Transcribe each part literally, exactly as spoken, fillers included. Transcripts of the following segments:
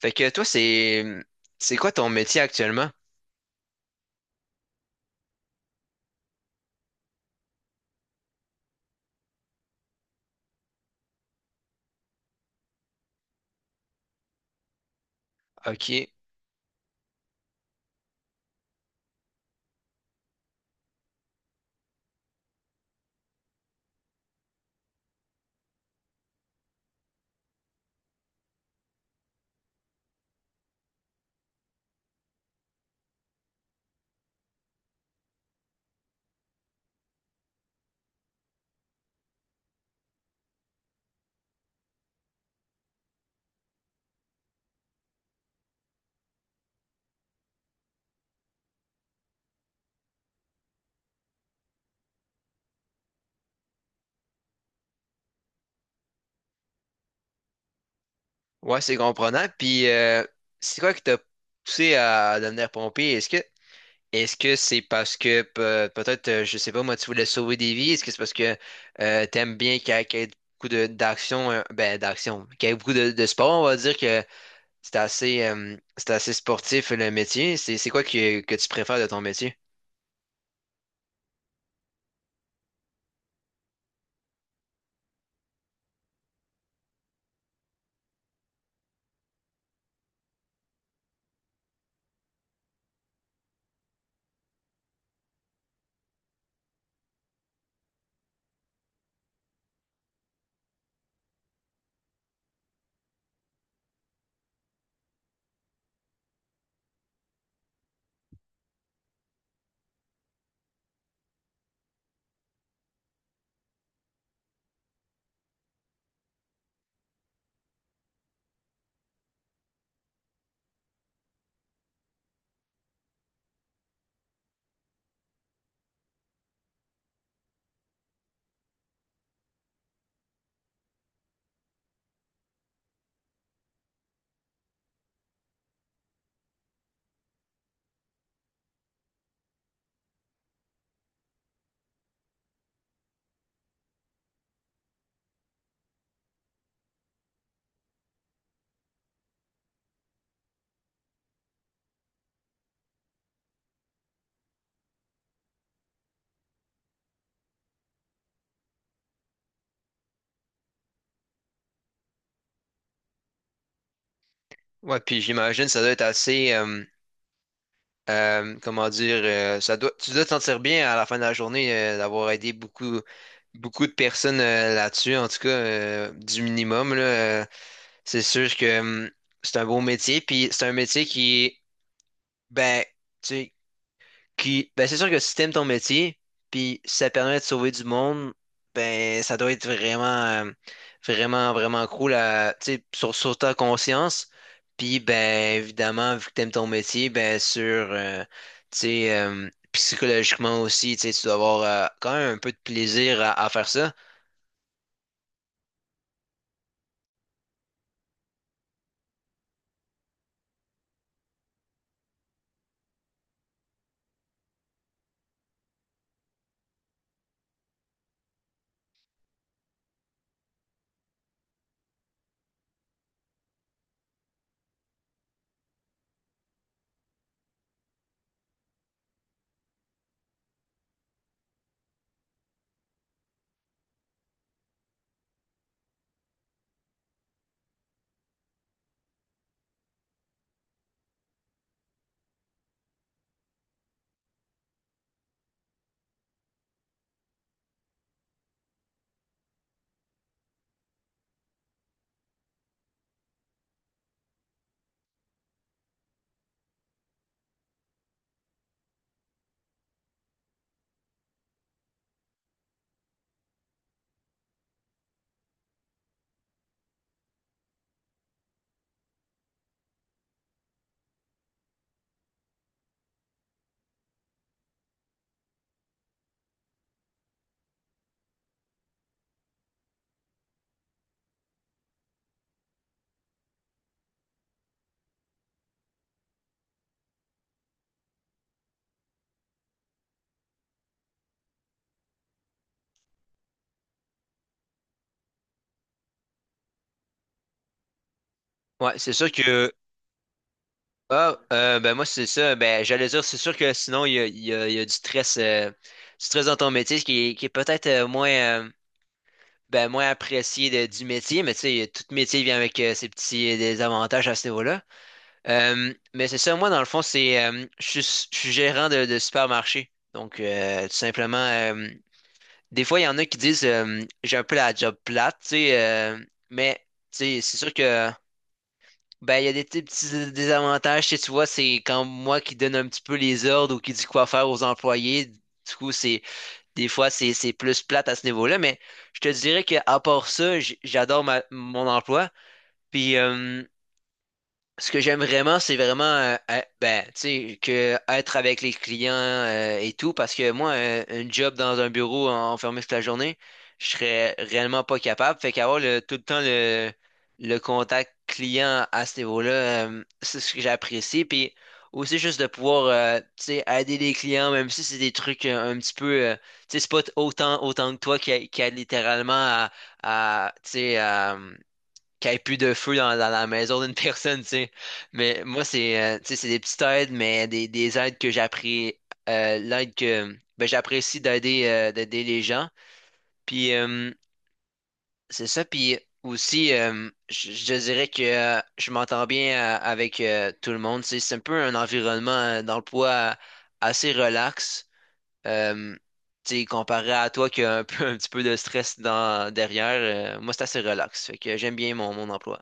Fait que toi, c'est c'est quoi ton métier actuellement? OK. Ouais, c'est comprenant. Puis euh, c'est quoi qui t'a poussé à devenir pompier? Est-ce que est-ce que c'est parce que pe- peut-être, euh, je sais pas, moi, tu voulais sauver des vies? Est-ce que c'est parce que euh, t'aimes bien qu'il y ait qu'il y ait beaucoup de d'action, euh, ben d'action, qu'il y ait beaucoup de, de sport, on va dire que c'est assez euh, c'est assez sportif le métier. C'est c'est quoi que, que tu préfères de ton métier? Ouais, puis j'imagine ça doit être assez euh, Euh, comment dire, euh, ça doit, tu dois te sentir bien à la fin de la journée euh, d'avoir aidé beaucoup, beaucoup de personnes euh, là-dessus, en tout cas, euh, du minimum, là, euh, c'est sûr que hum, c'est un beau métier, puis c'est un métier qui, ben, tu sais, puis, ben, c'est sûr que si t'aimes ton métier, puis si ça permet de sauver du monde, ben, ça doit être vraiment, euh, vraiment, vraiment cool à, tu sais, sur, sur ta conscience. Puis, ben, évidemment, vu que t'aimes ton métier, ben, sur, euh, tu sais, euh, psychologiquement aussi, tu sais, tu dois avoir euh, quand même un peu de plaisir à, à faire ça. Ouais, c'est sûr que ah, euh, ben moi, c'est ça. Ben, j'allais dire, c'est sûr que sinon, il y a, il y a, il y a du stress, euh, du stress dans ton métier, ce qui est, qui est peut-être euh, moins, euh, ben, moins apprécié de- du métier, mais tu sais, tout métier vient avec euh, ses petits désavantages à ce niveau-là. Euh, mais c'est ça, moi, dans le fond, c'est, euh, je suis, je suis gérant de, de supermarché. Donc, euh, tout simplement, euh, des fois, il y en a qui disent, euh, j'ai un peu la job plate, tu sais, euh, mais tu sais, c'est sûr que. Ben, il y a des petits petits désavantages, tu sais, tu vois, c'est quand moi qui donne un petit peu les ordres ou qui dit quoi faire aux employés. Du coup, c'est des fois c'est c'est plus plate à ce niveau-là, mais je te dirais qu'à part ça, j- j'adore ma- mon emploi. Puis euh, Ce que j'aime vraiment, c'est vraiment euh, euh, ben, tu sais, que être avec les clients euh, et tout, parce que moi, un, un job dans un bureau en- enfermé toute la journée, je serais réellement pas capable. Fait qu'avoir le, tout le temps le, le contact client à ce niveau-là, euh, c'est ce que j'apprécie. Puis aussi juste de pouvoir euh, tu sais, aider les clients, même si c'est des trucs euh, un petit peu euh, tu sais, c'est pas autant autant que toi qui, qui aide littéralement à, à tu sais, à qu'il n'y ait plus de feu dans, dans la maison d'une personne, tu sais. Mais moi, c'est euh, tu sais, c'est des petites aides, mais des, des aides que j'apprécie euh, l'aide que ben, j'apprécie d'aider euh, d'aider les gens. Puis euh, C'est ça, puis aussi euh, je, je dirais que euh, je m'entends bien euh, avec euh, tout le monde. Tu sais. C'est un peu un environnement euh, dans le poids euh, assez relax. Euh, Tu sais, comparé à toi qui a un peu un petit peu de stress dans derrière, euh, moi c'est assez relax. Fait que j'aime bien mon, mon emploi.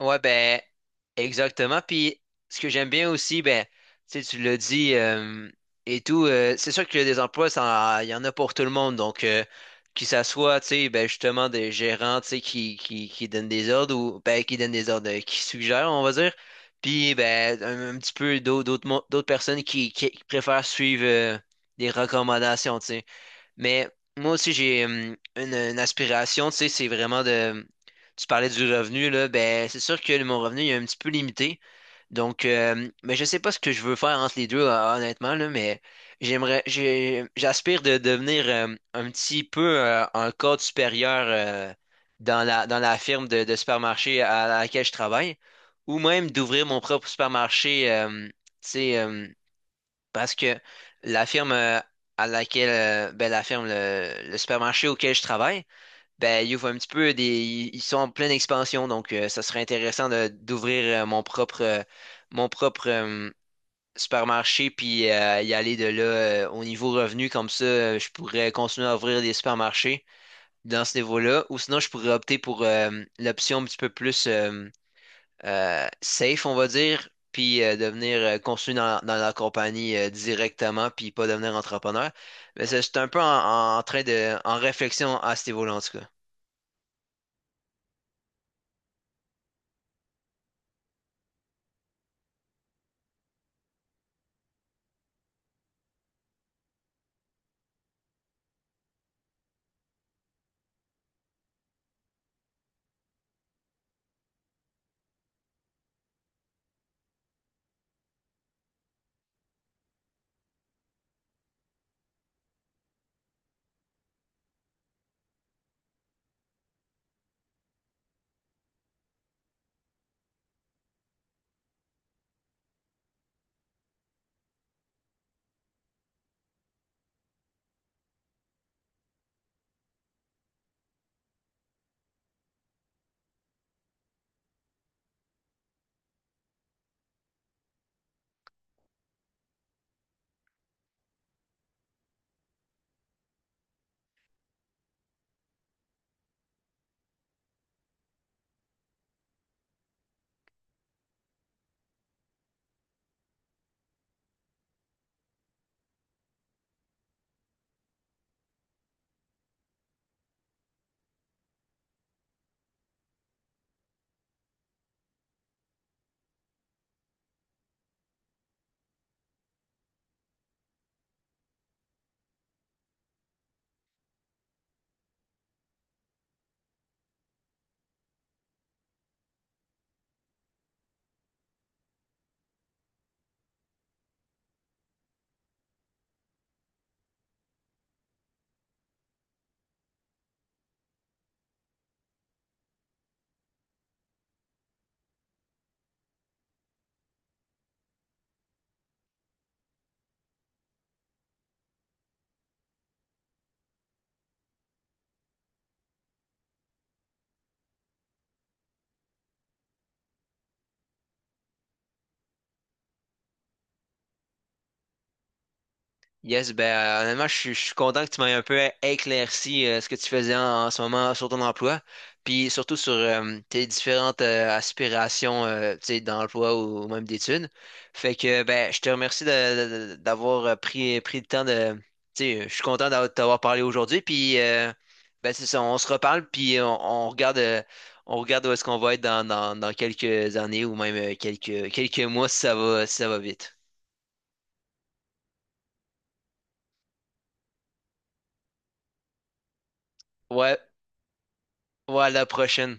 Ouais, ben, exactement. Puis, ce que j'aime bien aussi, ben, tu sais, tu l'as dit euh, et tout, euh, c'est sûr que des emplois, ça, il y en a pour tout le monde. Donc, euh, qu'il s'assoit, tu sais, ben, justement, des gérants, tu sais, qui, qui, qui donnent des ordres ou, ben, qui donnent des ordres, euh, qui suggèrent, on va dire. Puis, ben, un, un petit peu d'au- d'autres, mon- d'autres personnes qui, qui préfèrent suivre euh, des recommandations, tu sais. Mais moi aussi, j'ai hum, une, une aspiration, tu sais, c'est vraiment de... Tu parlais du revenu, là, ben c'est sûr que mon revenu il est un petit peu limité. Donc, euh, mais je sais pas ce que je veux faire entre les deux, hon- honnêtement, là, mais j'aimerais, j'ai- j'aspire de devenir euh, un petit peu euh, un cadre supérieur euh, dans la, dans la firme de, de supermarché à laquelle je travaille, ou même d'ouvrir mon propre supermarché, euh, tu sais, euh, parce que la firme euh, à laquelle, euh, ben, la firme, le, le supermarché auquel je travaille, ben, ils ouvrent un petit peu des, ils sont en pleine expansion, donc euh, ça serait intéressant de, d'ouvrir euh, mon propre, euh, mon propre euh, supermarché puis euh, y aller de là euh, au niveau revenu, comme ça, euh, je pourrais continuer à ouvrir des supermarchés dans ce niveau-là, ou sinon je pourrais opter pour euh, l'option un petit peu plus euh, euh, safe, on va dire, puis euh, devenir euh, continuer dans, dans la compagnie euh, directement, puis pas devenir entrepreneur. Mais c'est c'est un peu en, en- en train de, en réflexion à ce niveau-là, en tout cas. Yes, ben euh, honnêtement, je suis je suis content que tu m'aies un peu éclairci euh, ce que tu faisais en, en ce moment sur ton emploi, puis surtout sur euh, tes différentes euh, aspirations euh, tu sais, d'emploi ou, ou même d'études. Fait que ben je te remercie de- de- d'avoir euh, pris, pris le temps de. Tu sais, je suis content d'avoir- de t'avoir parlé aujourd'hui, puis euh, ben c'est ça, on se reparle, puis on, on regarde euh, on regarde où est-ce qu'on va être dans, dans, dans quelques années ou même euh, quelques, quelques mois si ça va si ça va vite. Ouais, ouais, à la prochaine.